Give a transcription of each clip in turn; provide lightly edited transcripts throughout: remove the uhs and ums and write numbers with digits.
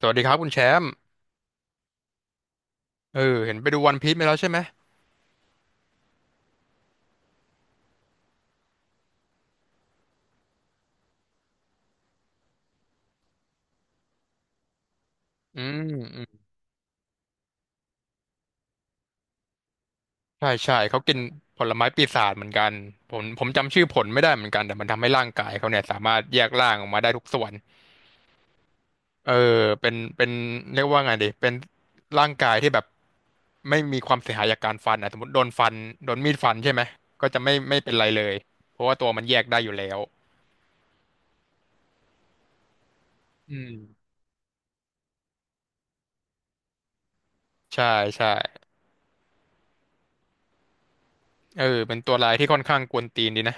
สวัสดีครับคุณแชมป์เห็นไปดูวันพีซมาแล้วใช่ไหมอืมอืมใช่ใช่เขากินผลไม้ปีศาจเหมือนกันผมจำชื่อผลไม่ได้เหมือนกันแต่มันทำให้ร่างกายเขาเนี่ยสามารถแยกร่างออกมาได้ทุกส่วนเออเป็นเรียกว่าไงดีเป็นร่างกายที่แบบไม่มีความเสียหายจากการฟันอ่ะสมมติโดนฟันโดนมีดฟันใช่ไหมก็จะไม่เป็นไรเลยเพราะว่าตัวมันแยกได้อยู่แล้วอืมใช่ใช่เป็นตัวลายที่ค่อนข้างกวนตีนดีนะ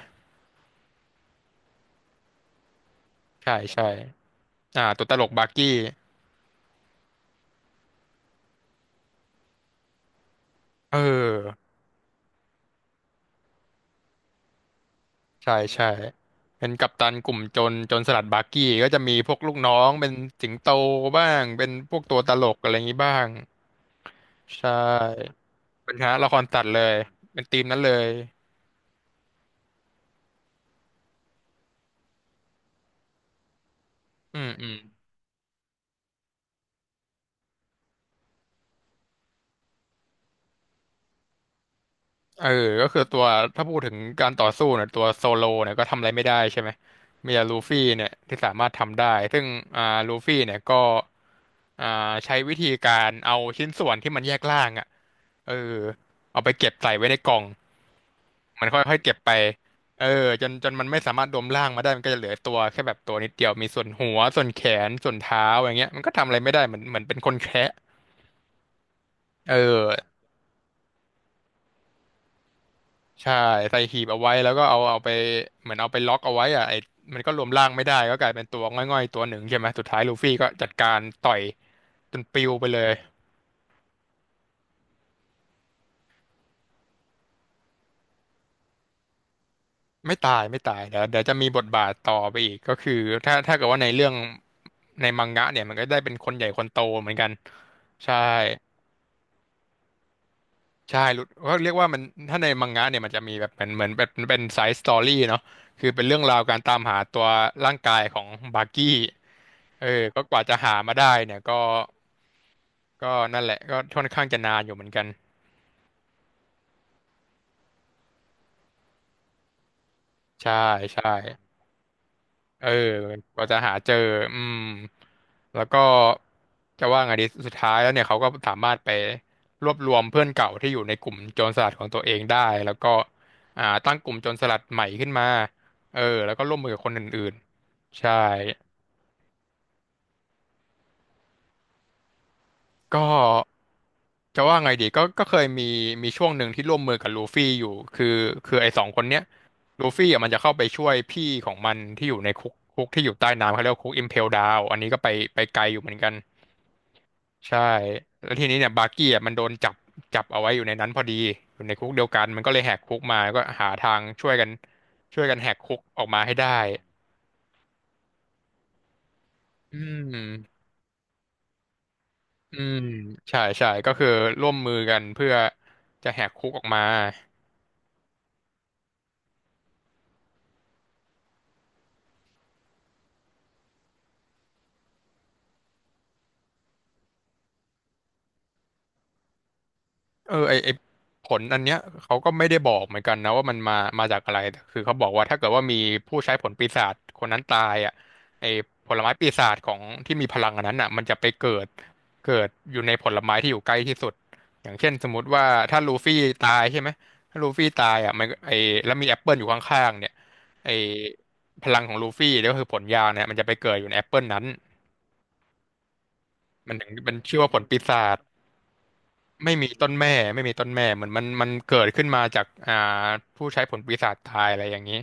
ใช่ใช่อ่าตัวตลกบาร์กี้เออ ใช่ใช่เป็นกัปตันกลุ่มโจรสลัดบาร์กี้ก็จะมีพวกลูกน้องเป็นสิงโตบ้างเป็นพวกตัวตลกอะไรอย่างนี้บ้างใช่เป็นคณะละครสัตว์เลยเป็นทีมนั้นเลยอืมอืมเออก็คือตัวถ้าพูดถึงการต่อสู้เนี่ยตัวโซโลเนี่ยก็ทำอะไรไม่ได้ใช่ไหมมีแต่ลูฟี่เนี่ยที่สามารถทำได้ซึ่งอ่าลูฟี่เนี่ยก็อ่าใช้วิธีการเอาชิ้นส่วนที่มันแยกล่างอ่ะเออเอาไปเก็บใส่ไว้ในกล่อง มันค่อยๆเก็บไปเออจนจนมันไม่สามารถดมร่างมาได้มันก็จะเหลือตัวแค่แบบตัวนิดเดียวมีส่วนหัวส่วนแขนส่วนเท้าอย่างเงี้ยมันก็ทำอะไรไม่ได้เหมือนเหมือนเป็นคนแคะเออใช่ใส่หีบเอาไว้แล้วก็เอาไปเหมือนเอาไปล็อกเอาไว้อะไอมันก็รวมร่างไม่ได้ก็กลายเป็นตัวง่อยๆตัวหนึ่งใช่ไหมสุดท้ายลูฟี่ก็จัดการต่อยจนปลิวไปเลยไม่ตายไม่ตายเดี๋ยวจะมีบทบาทต่อไปอีกก็คือถ้าเกิดว่าในเรื่องในมังงะเนี่ยมันก็ได้เป็นคนใหญ่คนโตเหมือนกันใช่ ใช่หลุดก็เรียกว่ามันถ้าในมังงะเนี่ยมันจะมีแบบเหมือนเหมือนแบบเป็นไซส์สตอรี่เนาะคือเป็นเรื่องราวการตามหาตัวร่างกายของบาร์กี้เออก็กว่าจะหามาได้เนี่ยก็ก็นั่นแหละก็ค่อนข้างจะนานอยู่เหมือนกันใช่ใช่ เออกว่าจะหาเจออืมแล้วก็จะว่าไงดีสุดท้ายแล้วเนี่ยเขาก็สามารถไปรวบรวมเพื่อนเก่าที่อยู่ในกลุ่มโจรสลัดของตัวเองได้แล้วก็ตั้งกลุ่มโจรสลัดใหม่ขึ้นมาแล้วก็ร่วมมือกับคนอื่นๆใช่ก็จะว่าไงดีก็ก็เคยมีมีช่วงหนึ่งที่ร่วมมือกับลูฟี่อยู่คือคือไอ้สองคนเนี้ยลูฟี่อ่ะมันจะเข้าไปช่วยพี่ของมันที่อยู่ในคุกที่อยู่ใต้น้ำเขาเรียกว่าคุกอิมเพลดาวอันนี้ก็ไปไปไกลอยู่เหมือนกัน ใช่แล้วทีนี้เนี่ยบาร์กี้อ่ะมันโดนจับจับเอาไว้อยู่ในนั้นพอดีอยู่ในคุกเดียวกันมันก็เลยแหกคุกมาก็หาทางช่วยกันช่วยกันแหกคุกออกมาให้ได้อืมอืมใช่ใช่ก็คือร่วมมือกันเพื่อจะแหกคุกออกมา เออไอไอผลอันเนี้ยเขาก็ไม่ได้บอกเหมือนกันนะว่ามันมาจากอะไรแต่คือเขาบอกว่าถ้าเกิดว่ามีผู้ใช้ผลปีศาจคนนั้นตายอ่ะไอผลไม้ปีศาจของที่มีพลังอันนั้นอ่ะมันจะไปเกิดเกิดอยู่ในผลไม้ที่อยู่ใกล้ที่สุดอย่างเช่นสมมติว่าถ้าลูฟี่ตายใช่ไหมถ้าลูฟี่ตายอ่ะมันแล้วมีแอปเปิลอยู่ข้างๆเนี่ยไอพลังของลูฟี่เนี่ยก็คือผลยาเนี่ยมันจะไปเกิดอยู่ในแอปเปิลนั้นมันถึงเป็นชื่อว่าผลปีศาจ ไม่มีต้นแม่ไม่มีต้นแม่เหมือนมันมันเกิดขึ้นมาจากผู้ใช้ผลปีศาจตายอะไรอย่างนี้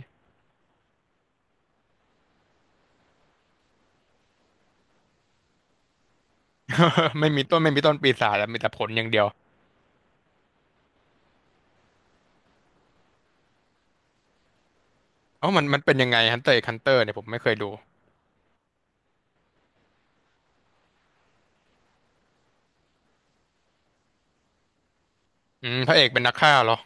ไม่มีต้นไม่มีต้นปีศาจอะมีแต่ผลอย่างเดียวเอ้ามันมันเป็นยังไงฮันเตอร์ฮันเตอร์เนี่ยผมไม่เคยดูอืมพระเอกเป็นนักฆ่าเหรอ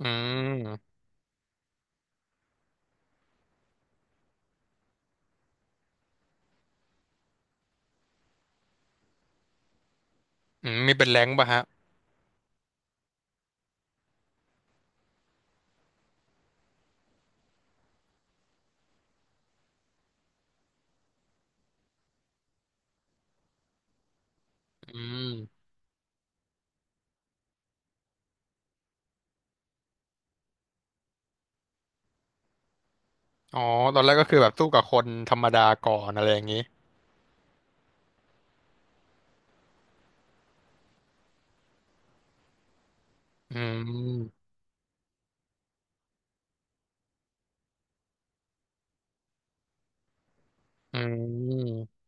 อืมอืมมีเป็นแรงค์ป่ะฮะอืมอ๋อตอนแรกก็คือแบบสู้กับคนธรรมดาก่อนอะไรอย่างนี้อืมอืม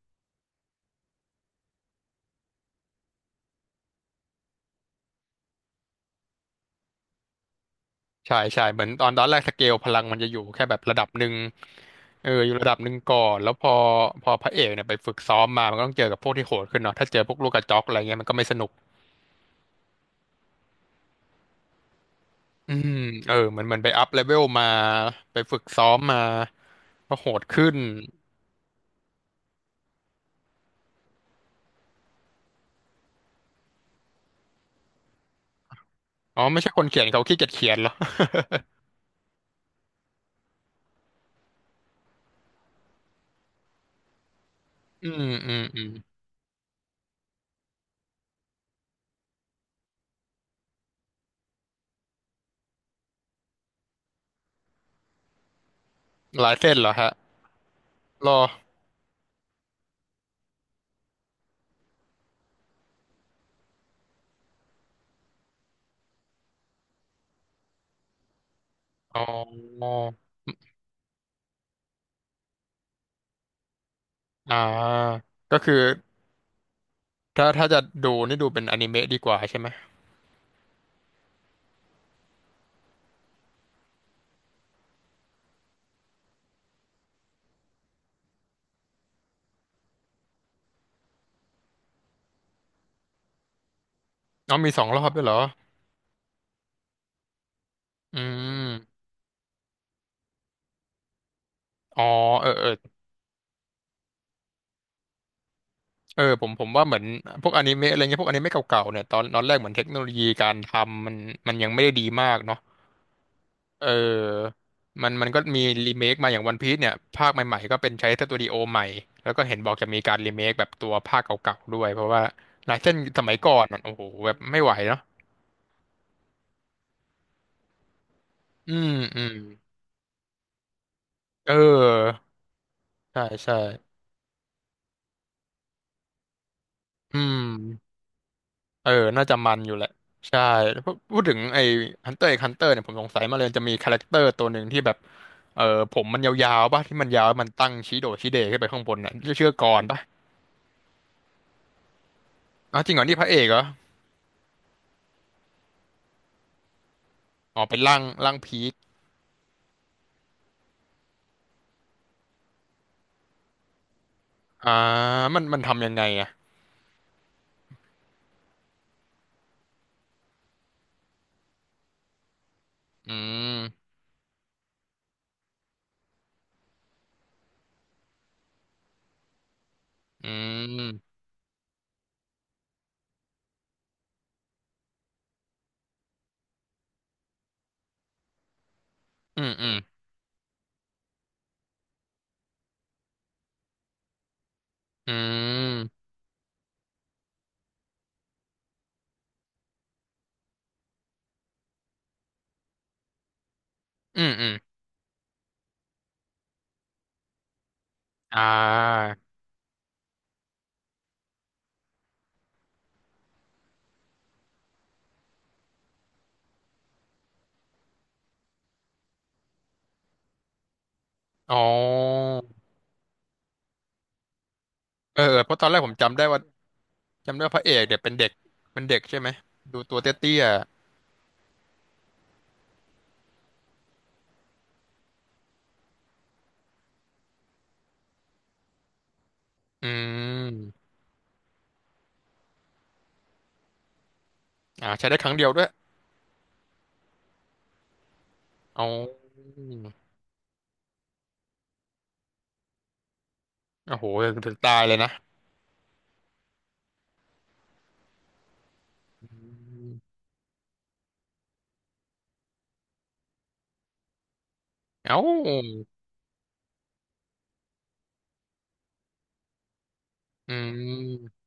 ใช่ใช่เหมือนตอนแรกสเกลพลังมันจะอยู่แค่แบบระดับหนึ่งเอออยู่ระดับหนึ่งก่อนแล้วพอพระเอกเนี่ยไปฝึกซ้อมมามันก็ต้องเจอกับพวกที่โหดขึ้นเนาะถ้าเจอพวกลูกกระจอกอะไรเงี้ยมันก็ไม่สนุกอืมเออเหมือนไปอัพเลเวลมาไปฝึกซ้อมมาก็โหดขึ้นอ๋อไม่ใช่คนเขียนเขาขี้เกียจเขียนเหรออืมอืมอืมลายเส้นเหรอฮะรออ๋ออ่าก็คือถ้าจะดูนี่ดูเป็นอนิเมะดีกว่าใช่ไหมอ๋อมีสองรอบด้วยเหรออืม อ๋อเออเออเออผมว่าเหมือนพวกอนิเมะอะไรเงี้ยพวกอนิเมะเก่าๆเนี่ยตอนแรกเหมือนเทคโนโลยีการทำมันยังไม่ได้ดีมากเนาะเออมันก็มีรีเมคมาอย่างวันพี e เนี่ยภาคใหม่ๆก็เป็นใช้สตูดิโอใหม่แล้วก็เห็นบอกจะมีการรีเมคแบบตัวภาคเก่าๆด้วยเพราะว่าหลายเช่นสมัยก่อนอะโอ้โหแบบไม่ไหวเนาะอืมอืมเออใช่ใช่อืม เออ น่าจะมันอยู่แหละใช่พูดถึงไอ้ฮันเตอร์ไอ้ฮันเตอร์เนี่ยผมสงสัยมาเลยจะมีคาแรคเตอร์ตัวหนึ่งที่แบบ เออผมมันยาวๆป่ะที่มันยาวมันตั้งช้โดดช้เดขึ้นไปข้างบนน่ะชื่อกรป่ะอ๋อจริงเหรอนี่พระเอกเหรอ อ๋อเป็นร่างพีคอ่ามันทำยังไงอ่ะ อืม อืม อืม อืม อืมอืมอืมอ่าอ๋อเออเออเพราะตอนแรกผมจำได้ว่าพระเอกเนี่ยเป็นเด็กเป็นเด็กใช่ไหมดูตัวเตี้ยๆอืม อ่าใช้ได้ครั้งเดียวด้วยเอาโอ้โห ถึงตายเลยนะอืมเอ้าอืม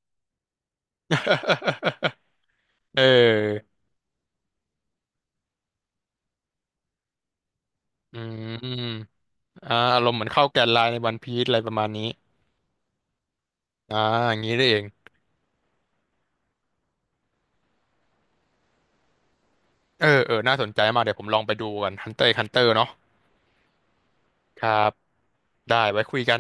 เอออืมอ่าอารมณ์เหมือนเข้าแกนไลน์ในวันพีซอะไรประมาณนี้ อ่าอย่างนี้ได้เองเออเออ น่าสนใจมากเดี๋ยวผมลองไปดูกัน Hunter x Hunter เนาะครับ ได้ไว้คุยกัน